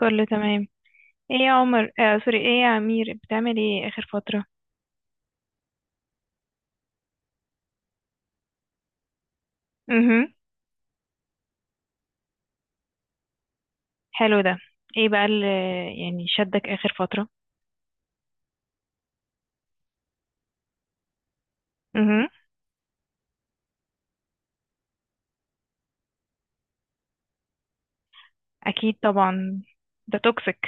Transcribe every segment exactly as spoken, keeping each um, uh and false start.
كله تمام. ايه يا عمر، آه سوري، ايه يا امير، بتعمل ايه اخر فترة؟ امم. حلو ده. ايه بقى اللي يعني شدك اخر فترة؟ امم. اكيد طبعا. ده توكسيك.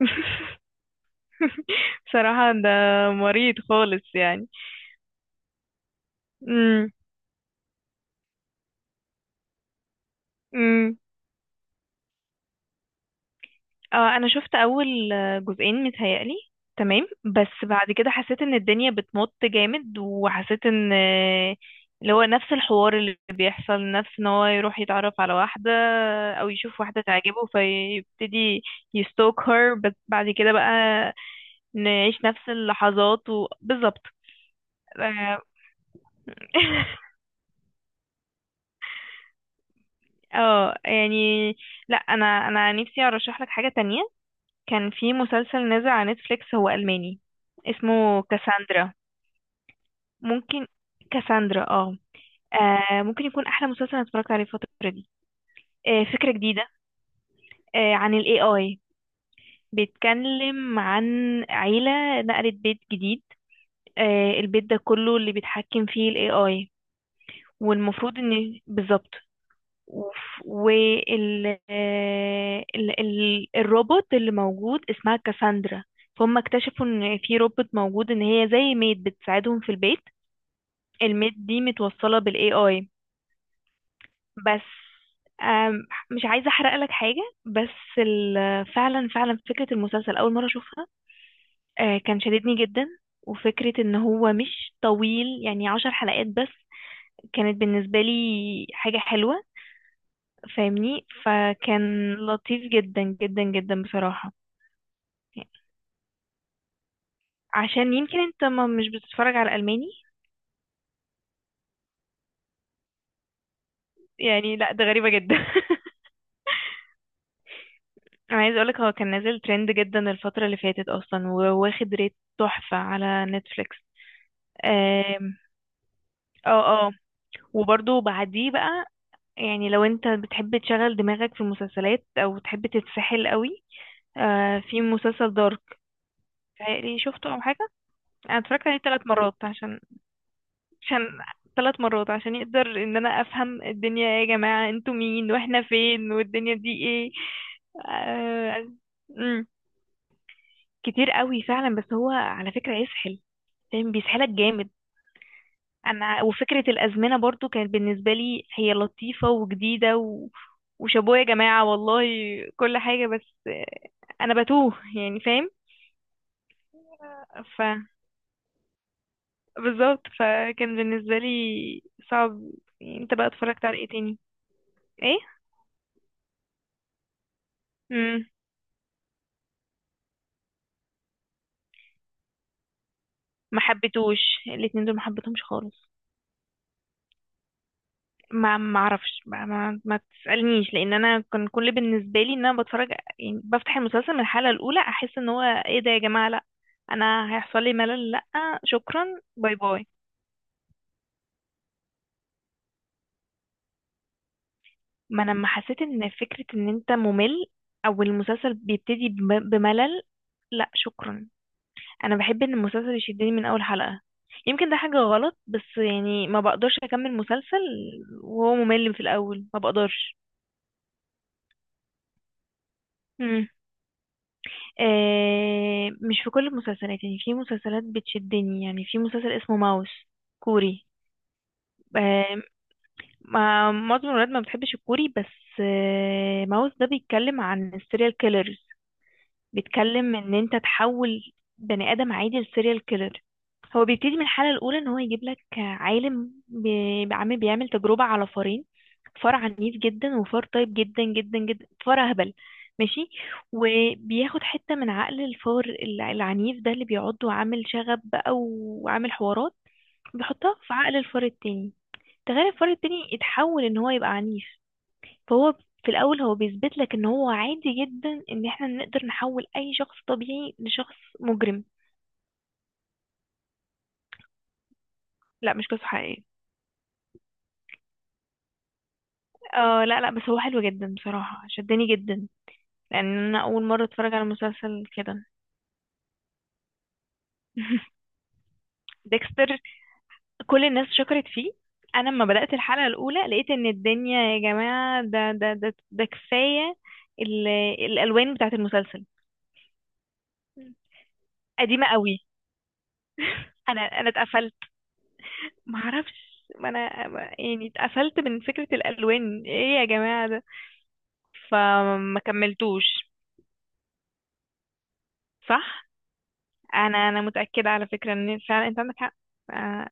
بصراحة ده مريض خالص يعني. امم. آه، انا شفت اول آه، جزئين متهيألي. تمام، بس بعد كده حسيت ان الدنيا بتمط جامد، وحسيت ان آه، اللي هو نفس الحوار اللي بيحصل، نفس ان هو يروح يتعرف على واحدة او يشوف واحدة تعجبه، فيبتدي يستوك هير، بس بعد كده بقى نعيش نفس اللحظات، وبالظبط. اه. آه، يعني، لا، انا انا نفسي ارشح لك حاجة تانية. كان في مسلسل نازل على نتفليكس، هو ألماني، اسمه كاساندرا. ممكن. كاساندرا، اه. آه، ممكن يكون احلى مسلسل انا اتفرجت عليه الفتره دي. آه، فكره جديده. آه، عن الاي اي. بيتكلم عن عيله نقلت بيت جديد. آه، البيت ده كله اللي بيتحكم فيه الاي اي. والمفروض ان بالظبط. وف- وال آه، ال... ال... الروبوت اللي موجود اسمها كاساندرا. فهم اكتشفوا ان في روبوت موجود، ان هي زي ميد بتساعدهم في البيت. الميد دي متوصله بالاي اي، بس. آم، مش عايزة احرق لك حاجة، بس ال- فعلا فعلا فكرة المسلسل اول مرة اشوفها. آه، كان شددني جدا. وفكرة ان هو مش طويل، يعني عشر حلقات بس، كانت بالنسبة لي حاجة حلوة. فاهمني؟ فكان لطيف جدا جدا جدا بصراحة. عشان يمكن انت ما مش بتتفرج على ألماني. يعني لا، ده غريبة جدا. انا عايزة اقولك، هو كان نازل ترند جدا الفترة اللي فاتت اصلا، وواخد ريت تحفة على نتفليكس. اه، اه. وبرضه بعديه بقى، يعني لو انت بتحب تشغل دماغك في المسلسلات او تحب تتسحل قوي، آه في مسلسل دارك. يعني شفته او حاجه؟ انا اتفرجت عليه ثلاث مرات عشان عشان ثلاث مرات عشان يقدر ان انا افهم الدنيا. ايه يا جماعه، انتوا مين واحنا فين والدنيا دي ايه؟ آه. مم. كتير قوي فعلا، بس هو على فكره يسحل. فاهم؟ بيسحلك جامد. انا، وفكرة الازمنة برضو كانت بالنسبة لي هي لطيفة وجديدة و... وشابوه يا جماعة والله، كل حاجة، بس انا بتوه يعني. فاهم؟ ف بالظبط، فكان بالنسبة لي صعب. يعني انت بقى اتفرجت على ايه تاني؟ ايه؟ امم. ما حبيتوش. الاتنين دول ما حبيتهمش خالص. ما ما اعرفش، ما, ما, ما تسالنيش، لان انا كان كل بالنسبه لي ان انا بتفرج. يعني بفتح المسلسل من الحلقه الاولى، احس ان هو ايه ده يا جماعه، لا، انا هيحصل لي ملل، لا شكرا، باي باي. ما انا لما حسيت ان فكره ان انت ممل او المسلسل بيبتدي بم- بملل، لا شكرا. انا بحب ان المسلسل يشدني من اول حلقه. يمكن ده حاجه غلط، بس يعني ما بقدرش اكمل مسلسل. وهو ممل في الاول، ما بقدرش. آه، مش في كل المسلسلات يعني، في مسلسلات بتشدني، يعني في مسلسل اسمه ماوس، كوري. آه ما- معظم الولاد ما بتحبش الكوري، بس آه ماوس ده بيتكلم عن السيريال كيلرز. بيتكلم ان انت تحول بني ادم عادي لسيريال كيلر. هو بيبتدي من الحلقة الأولى، إن هو يجيب لك عالم بي- عامل بيعمل تجربة على فارين. فار عنيف جدا، وفار طيب جدا جدا جدا، فار أهبل، ماشي. وبياخد حتة من عقل الفار الع- العنيف ده، اللي بيعض وعامل شغب بقى وعامل حوارات، بيحطها في عقل الفار التاني. تخيل الفار التاني اتحول إن هو يبقى عنيف. فهو، في الاول، هو بيثبت لك ان هو عادي جدا، ان احنا نقدر نحول اي شخص طبيعي لشخص مجرم. لا، مش قصة حقيقية. اه، لا، لا، بس هو حلو جدا بصراحة، شدني جدا. لان انا اول مرة اتفرج على مسلسل كده. ديكستر، كل الناس شكرت فيه. انا لما بدأت الحلقة الاولى لقيت ان الدنيا يا جماعة، ده ده ده, ده كفاية. ال- الالوان بتاعت المسلسل قديمة قوي. انا انا اتقفلت. معرفش، ما انا. يعني اتقفلت من فكرة الالوان، ايه يا جماعة ده. فما كملتوش. صح. انا انا متأكدة، على فكرة، ان فعلا انت عندك حق. آه،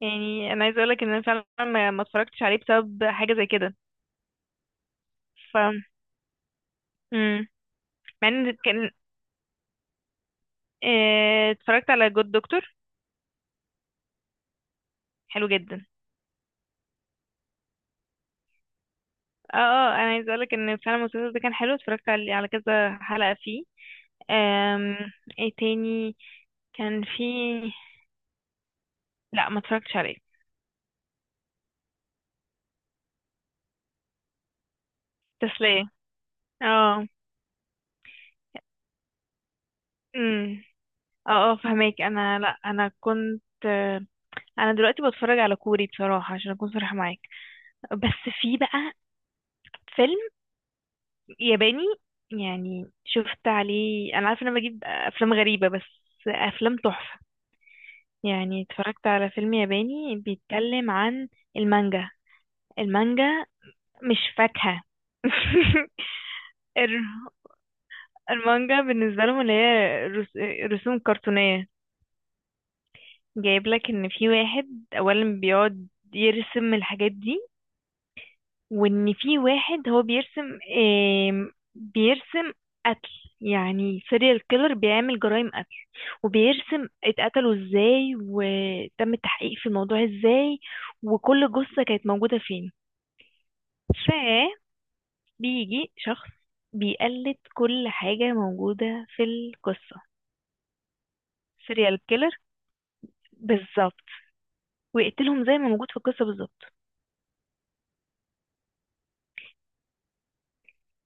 يعني انا عايزة اقولك ان انا فعلا ما ما اتفرجتش عليه بسبب حاجة زي كده. ف مم. مع ان كان آه، اتفرجت على جود دكتور. حلو جدا. اه، اه، انا عايزة اقولك ان فعلا المسلسل ده كان حلو، اتفرجت على على كذا حلقة فيه. آم، ايه تاني؟ كان في. لا، ما اتفرجتش عليه. تسلية. اه. امم. اه، اه، فهماك. انا، لا، انا كنت. انا دلوقتي بتفرج على كوري بصراحة، عشان اكون صريحة معاك. بس في بقى فيلم ياباني. يعني شفت عليه، انا عارفة ان انا بجيب افلام غريبة، بس افلام تحفة. يعني اتفرجت على فيلم ياباني بيتكلم عن المانجا. المانجا مش فاكهة. الر- المانجا بالنسبة لهم، اللي هي رس- رسوم كرتونية. جايب لك ان في واحد اولا بيقعد يرسم الحاجات دي. وان في واحد هو بيرسم آم، بيرسم قتل. يعني سيريال كيلر بيعمل جرائم قتل. وبيرسم اتقتلوا ازاي، وتم التحقيق في الموضوع ازاي. وكل جثة كانت موجودة فين. فبيجي شخص بيقلد كل حاجة موجودة في القصة. سيريال كيلر، بالظبط. ويقتلهم زي ما موجود في القصة بالظبط.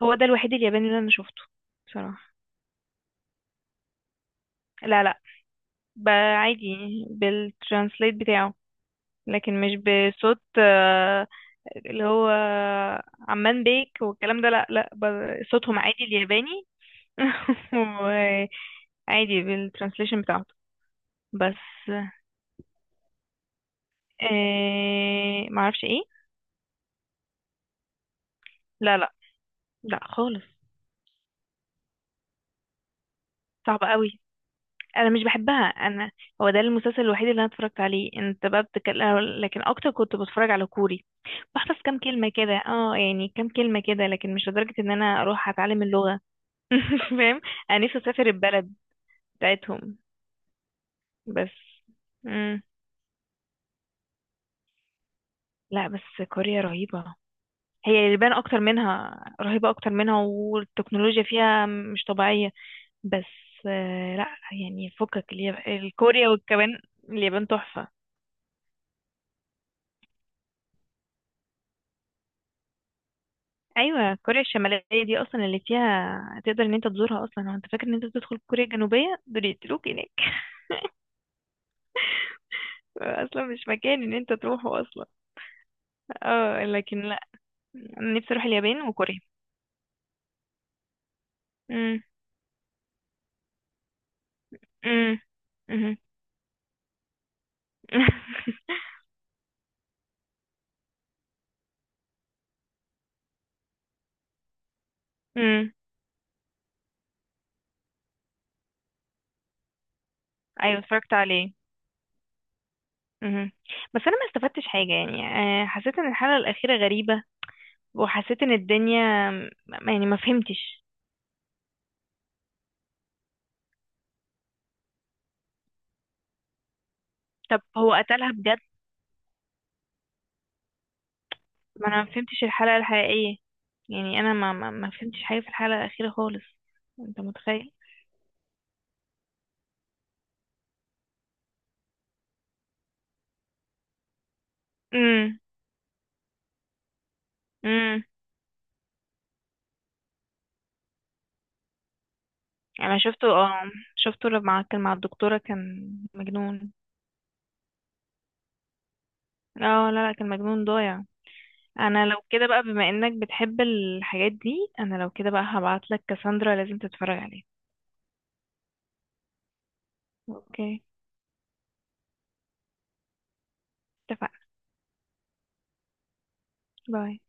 هو ده الوحيد الياباني اللي انا شفته. بصراحة، لا، لا، ب- عادي، بالترانسليت بتاعه. لكن مش بصوت آه، اللي هو عمان بيك والكلام ده، لا، لا، ب- صوتهم عادي الياباني. وعادي، بالترانسليشن بتاعته. بس، آه معرفش ايه. لا، لا، لا خالص. صعب قوي. انا مش بحبها انا. هو ده المسلسل الوحيد اللي انا اتفرجت عليه، انت بقى بتتكلم، لكن اكتر كنت بتفرج على كوري. بحفظ كام كلمة كده، اه يعني كام كلمة كده، لكن مش لدرجة ان انا اروح اتعلم اللغة. فاهم؟ انا نفسي اسافر البلد بتاعتهم، بس. مم. لا، بس كوريا رهيبة. هي اليابان اكتر منها، رهيبة اكتر منها، والتكنولوجيا فيها مش طبيعية. بس، آه، لا. يعني فكك الياب- الكوريا وكمان اليابان تحفة. ايوه، كوريا الشماليه دي اصلا اللي فيها تقدر ان انت تزورها اصلا، هو انت فاكر ان انت تدخل كوريا الجنوبيه؟ دول يقتلوك هناك. اصلا مش مكان ان انت تروحه اصلا. اه، لكن لا، انا نفسي اروح اليابان وكوريا. امم، امم، امم، امم. ايوه، اتفرجت عليه. امم. بس انا ما استفدتش حاجه يعني. آه، حسيت ان الحلقه الاخيره غريبه. وحسيت ان الدنيا، م- يعني ما فهمتش. طب هو قتلها بجد؟ ما انا ما فهمتش الحلقة الحقيقية. يعني انا ما ما, ما فهمتش حاجة في الحلقة الأخيرة خالص. انت متخيل؟ امم. امم. انا شفته، اه. شفته لما كان مع الدكتورة، كان مجنون. اه، لا، لا، كان مجنون ضايع. انا لو كده بقى، بما انك بتحب الحاجات دي، انا لو كده بقى هبعتلك كاساندرا، لازم تتفرج عليها. اوكي، اتفقنا. باي.